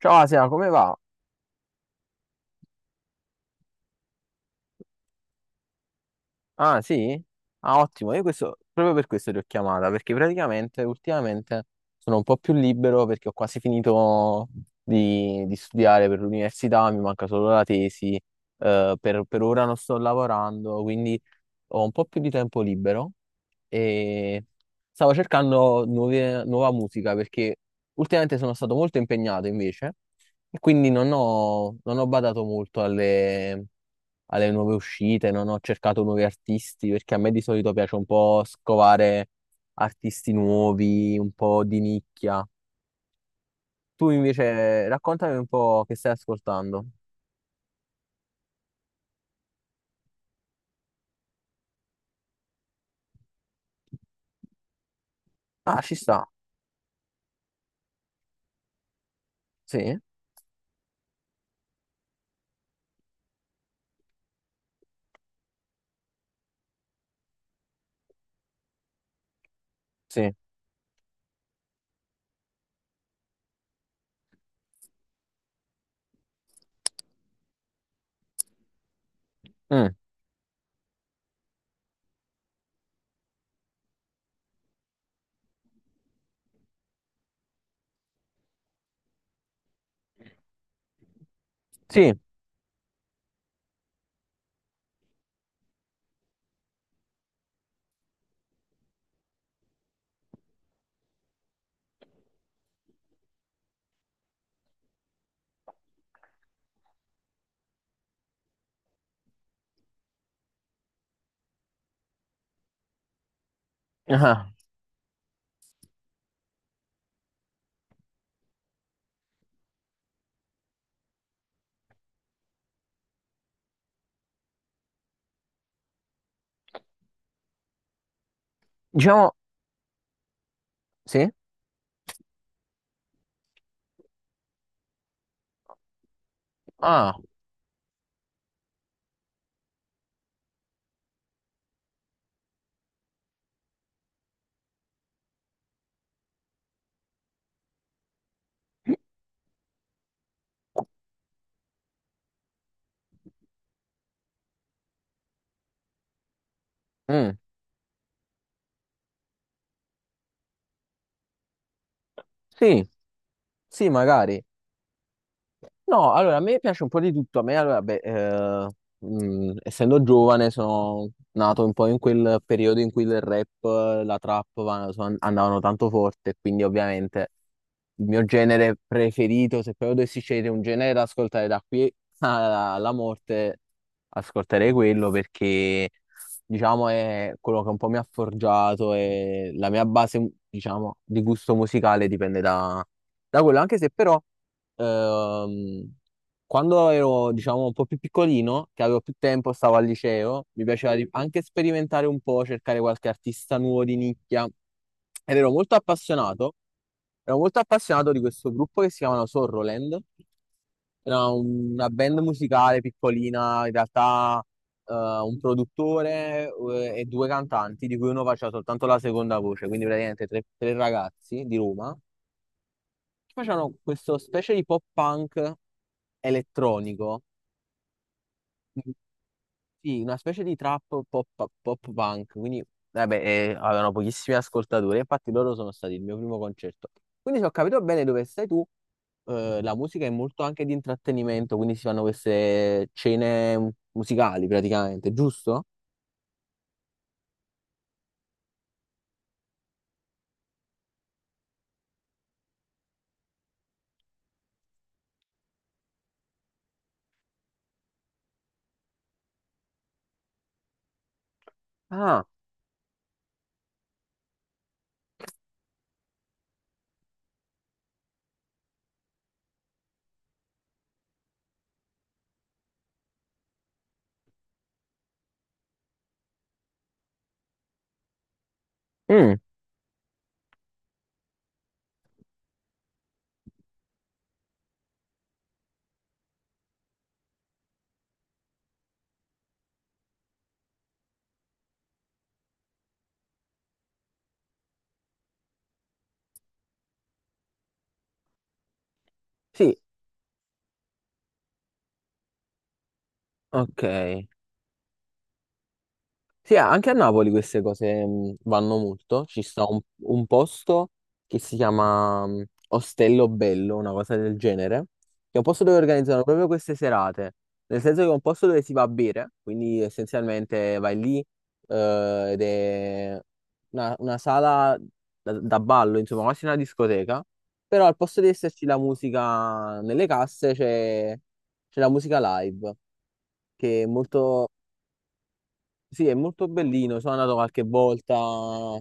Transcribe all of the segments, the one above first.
Ciao Asia, come va? Ah, sì? Ah, ottimo, io questo, proprio per questo ti ho chiamata, perché praticamente ultimamente sono un po' più libero perché ho quasi finito di studiare per l'università, mi manca solo la tesi, per ora non sto lavorando, quindi ho un po' più di tempo libero e stavo cercando nuova musica perché ultimamente sono stato molto impegnato invece e quindi non ho badato molto alle nuove uscite, non ho cercato nuovi artisti perché a me di solito piace un po' scovare artisti nuovi, un po' di nicchia. Tu invece raccontami un po' che stai ascoltando. Ah, ci sta, sì, sì. Mm, sì. Ah, diciamo, sì, ah. Mm. Sì, sì, magari. No, allora a me piace un po' di tutto. A me, allora, beh, essendo giovane, sono nato un po' in quel periodo in cui il rap, la trap andavano tanto forte, quindi ovviamente il mio genere preferito, se proprio dovessi scegliere un genere da ascoltare da qui alla morte, ascolterei quello perché, diciamo, è quello che un po' mi ha forgiato e la mia base, diciamo, di gusto musicale dipende da quello, anche se però ehm, quando ero, diciamo, un po' più piccolino, che avevo più tempo, stavo al liceo, mi piaceva anche sperimentare un po', cercare qualche artista nuovo di nicchia. Ed ero molto appassionato di questo gruppo che si chiamano Sorroland. Era una band musicale piccolina, in realtà un produttore e due cantanti, di cui uno faceva soltanto la seconda voce, quindi praticamente tre ragazzi di Roma che facevano questo specie di pop punk elettronico, mm, sì, una specie di trap pop, pop punk, quindi vabbè, avevano pochissimi ascoltatori, infatti loro sono stati il mio primo concerto. Quindi se ho capito bene dove stai tu, la musica è molto anche di intrattenimento, quindi si fanno queste cene musicali praticamente, giusto? Ah, mm, sì, ok. Sì, anche a Napoli queste cose vanno molto. Ci sta un posto che si chiama Ostello Bello, una cosa del genere, che è un posto dove organizzano proprio queste serate, nel senso che è un posto dove si va a bere, quindi essenzialmente vai lì ed è una sala da ballo, insomma, quasi una discoteca, però al posto di esserci la musica nelle casse c'è la musica live, che è molto sì, è molto bellino, sono andato qualche volta,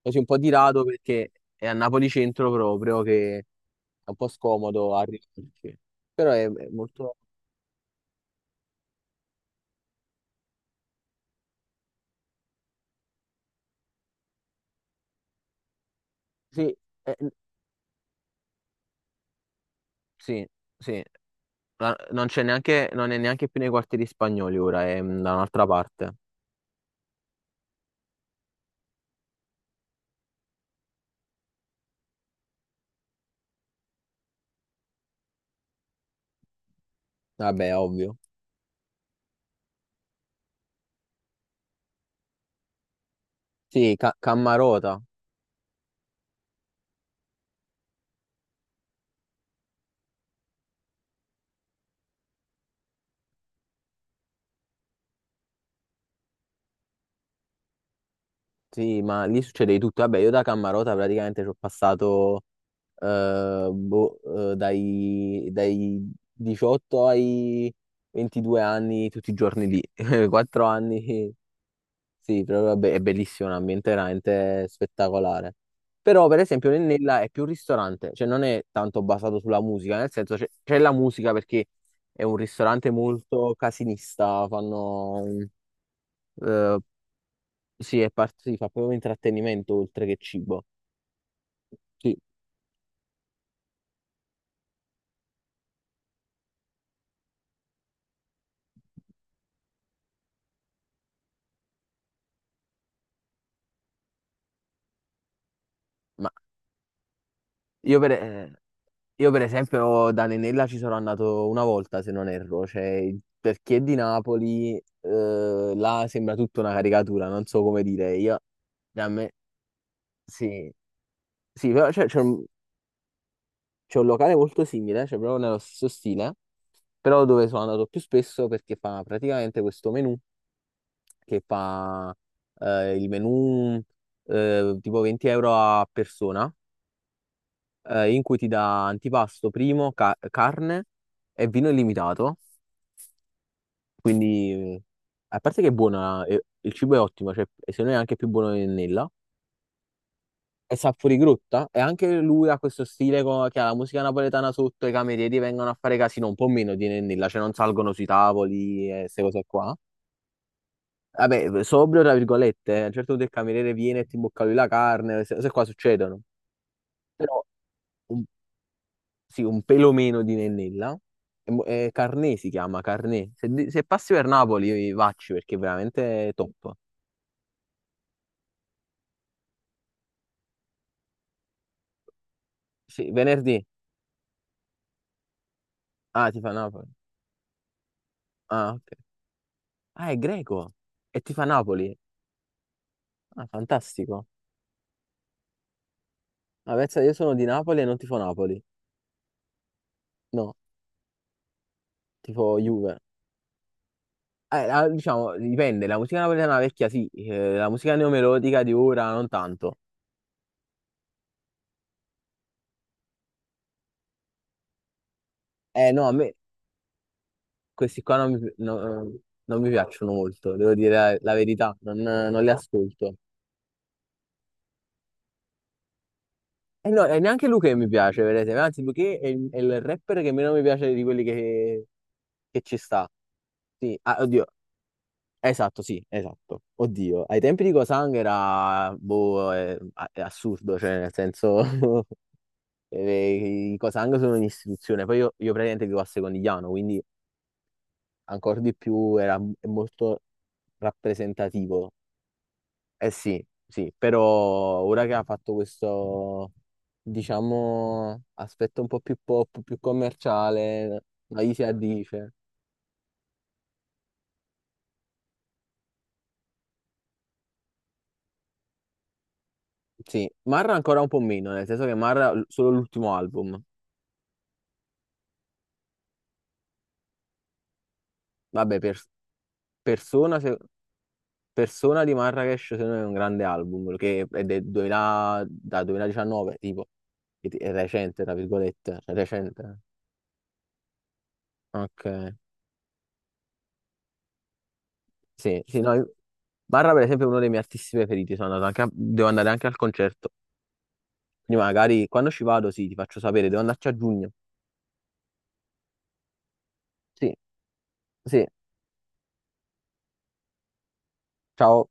così un po' di rado perché è a Napoli centro proprio, che è un po' scomodo arrivarci. Però è molto... Sì, è- sì, sì. La- non c'è neanche, non è neanche più nei quartieri spagnoli ora, è mm, da un'altra parte. Vabbè, ovvio. Sì, Ca- Cammarota. Sì, ma lì succede di tutto. Vabbè, io da Cammarota praticamente ci ho passato boh, dai, 18 ai 22 anni tutti i giorni lì. Quattro anni, sì, però vabbè, è bellissimo, è un ambiente veramente spettacolare. Però, per esempio, Nennella è più un ristorante, cioè non è tanto basato sulla musica, nel senso c'è la musica perché è un ristorante molto casinista, fanno... eh, sì, è si fa proprio intrattenimento oltre che cibo. Sì, ma io per, eh, io per esempio da Nenella ci sono andato una volta, se non erro, cioè per chi è di Napoli, là sembra tutta una caricatura, non so come dire. Io, da me, sì, sì, però cioè, c'è c'è un locale molto simile, cioè proprio nello stesso stile, però dove sono andato più spesso perché fa praticamente questo menù che fa il menù tipo 20 euro a persona in cui ti dà antipasto primo, carne e vino illimitato. Quindi, a parte che è buona, il cibo è ottimo, cioè, e secondo me è anche più buono di Nella. È sapori Grotta e anche lui ha questo stile che ha la musica napoletana sotto, i camerieri vengono a fare casino un po' meno di Nennilla, cioè non salgono sui tavoli e queste cose qua. Vabbè, sobrio tra virgolette, a un certo punto il cameriere viene e ti imbocca lui la carne, queste cose qua succedono. Però sì, un pelo meno di Nennella. E e Carné si chiama, Carné. Se, se passi per Napoli, vacci perché è veramente top. Sì, venerdì. Ah, ti fa Napoli. Ah, ok. Ah, è greco. E ti fa Napoli. Ah, fantastico. Ma pensa, io sono di Napoli e non tifo Napoli. No, tifo Juve. La- diciamo, dipende. La musica napoletana vecchia sì, la musica neomelodica di ora non tanto. No, a me questi qua non mi piacciono molto, devo dire la verità, non li ascolto. E no, e neanche Luché mi piace, vedete, anzi Luché è è il rapper che meno mi piace di quelli che ci sta. Sì, ah, oddio, esatto, sì, esatto. Oddio, ai tempi di Cosang era, boh, è assurdo, cioè nel senso, i Cosang sono un'istituzione, poi io praticamente vivo a Secondigliano, quindi ancora di più era è molto rappresentativo. Eh sì, sì, però ora che ha fatto questo, diciamo, aspetto un po' più pop, più commerciale, la gli si addice. Sì, Marra ancora un po' meno, nel senso che Marra solo l'ultimo album. Vabbè, Persona, Persona di Marracash secondo me è un grande album, che è del 2000 da 2019, tipo, è recente, tra virgolette, è recente. Ok, sì, sì, no, io- Barra per esempio è uno dei miei artisti preferiti, sono andato devo andare anche al concerto. Quindi magari quando ci vado, sì, ti faccio sapere, devo andarci a giugno. Sì, sì, ciao.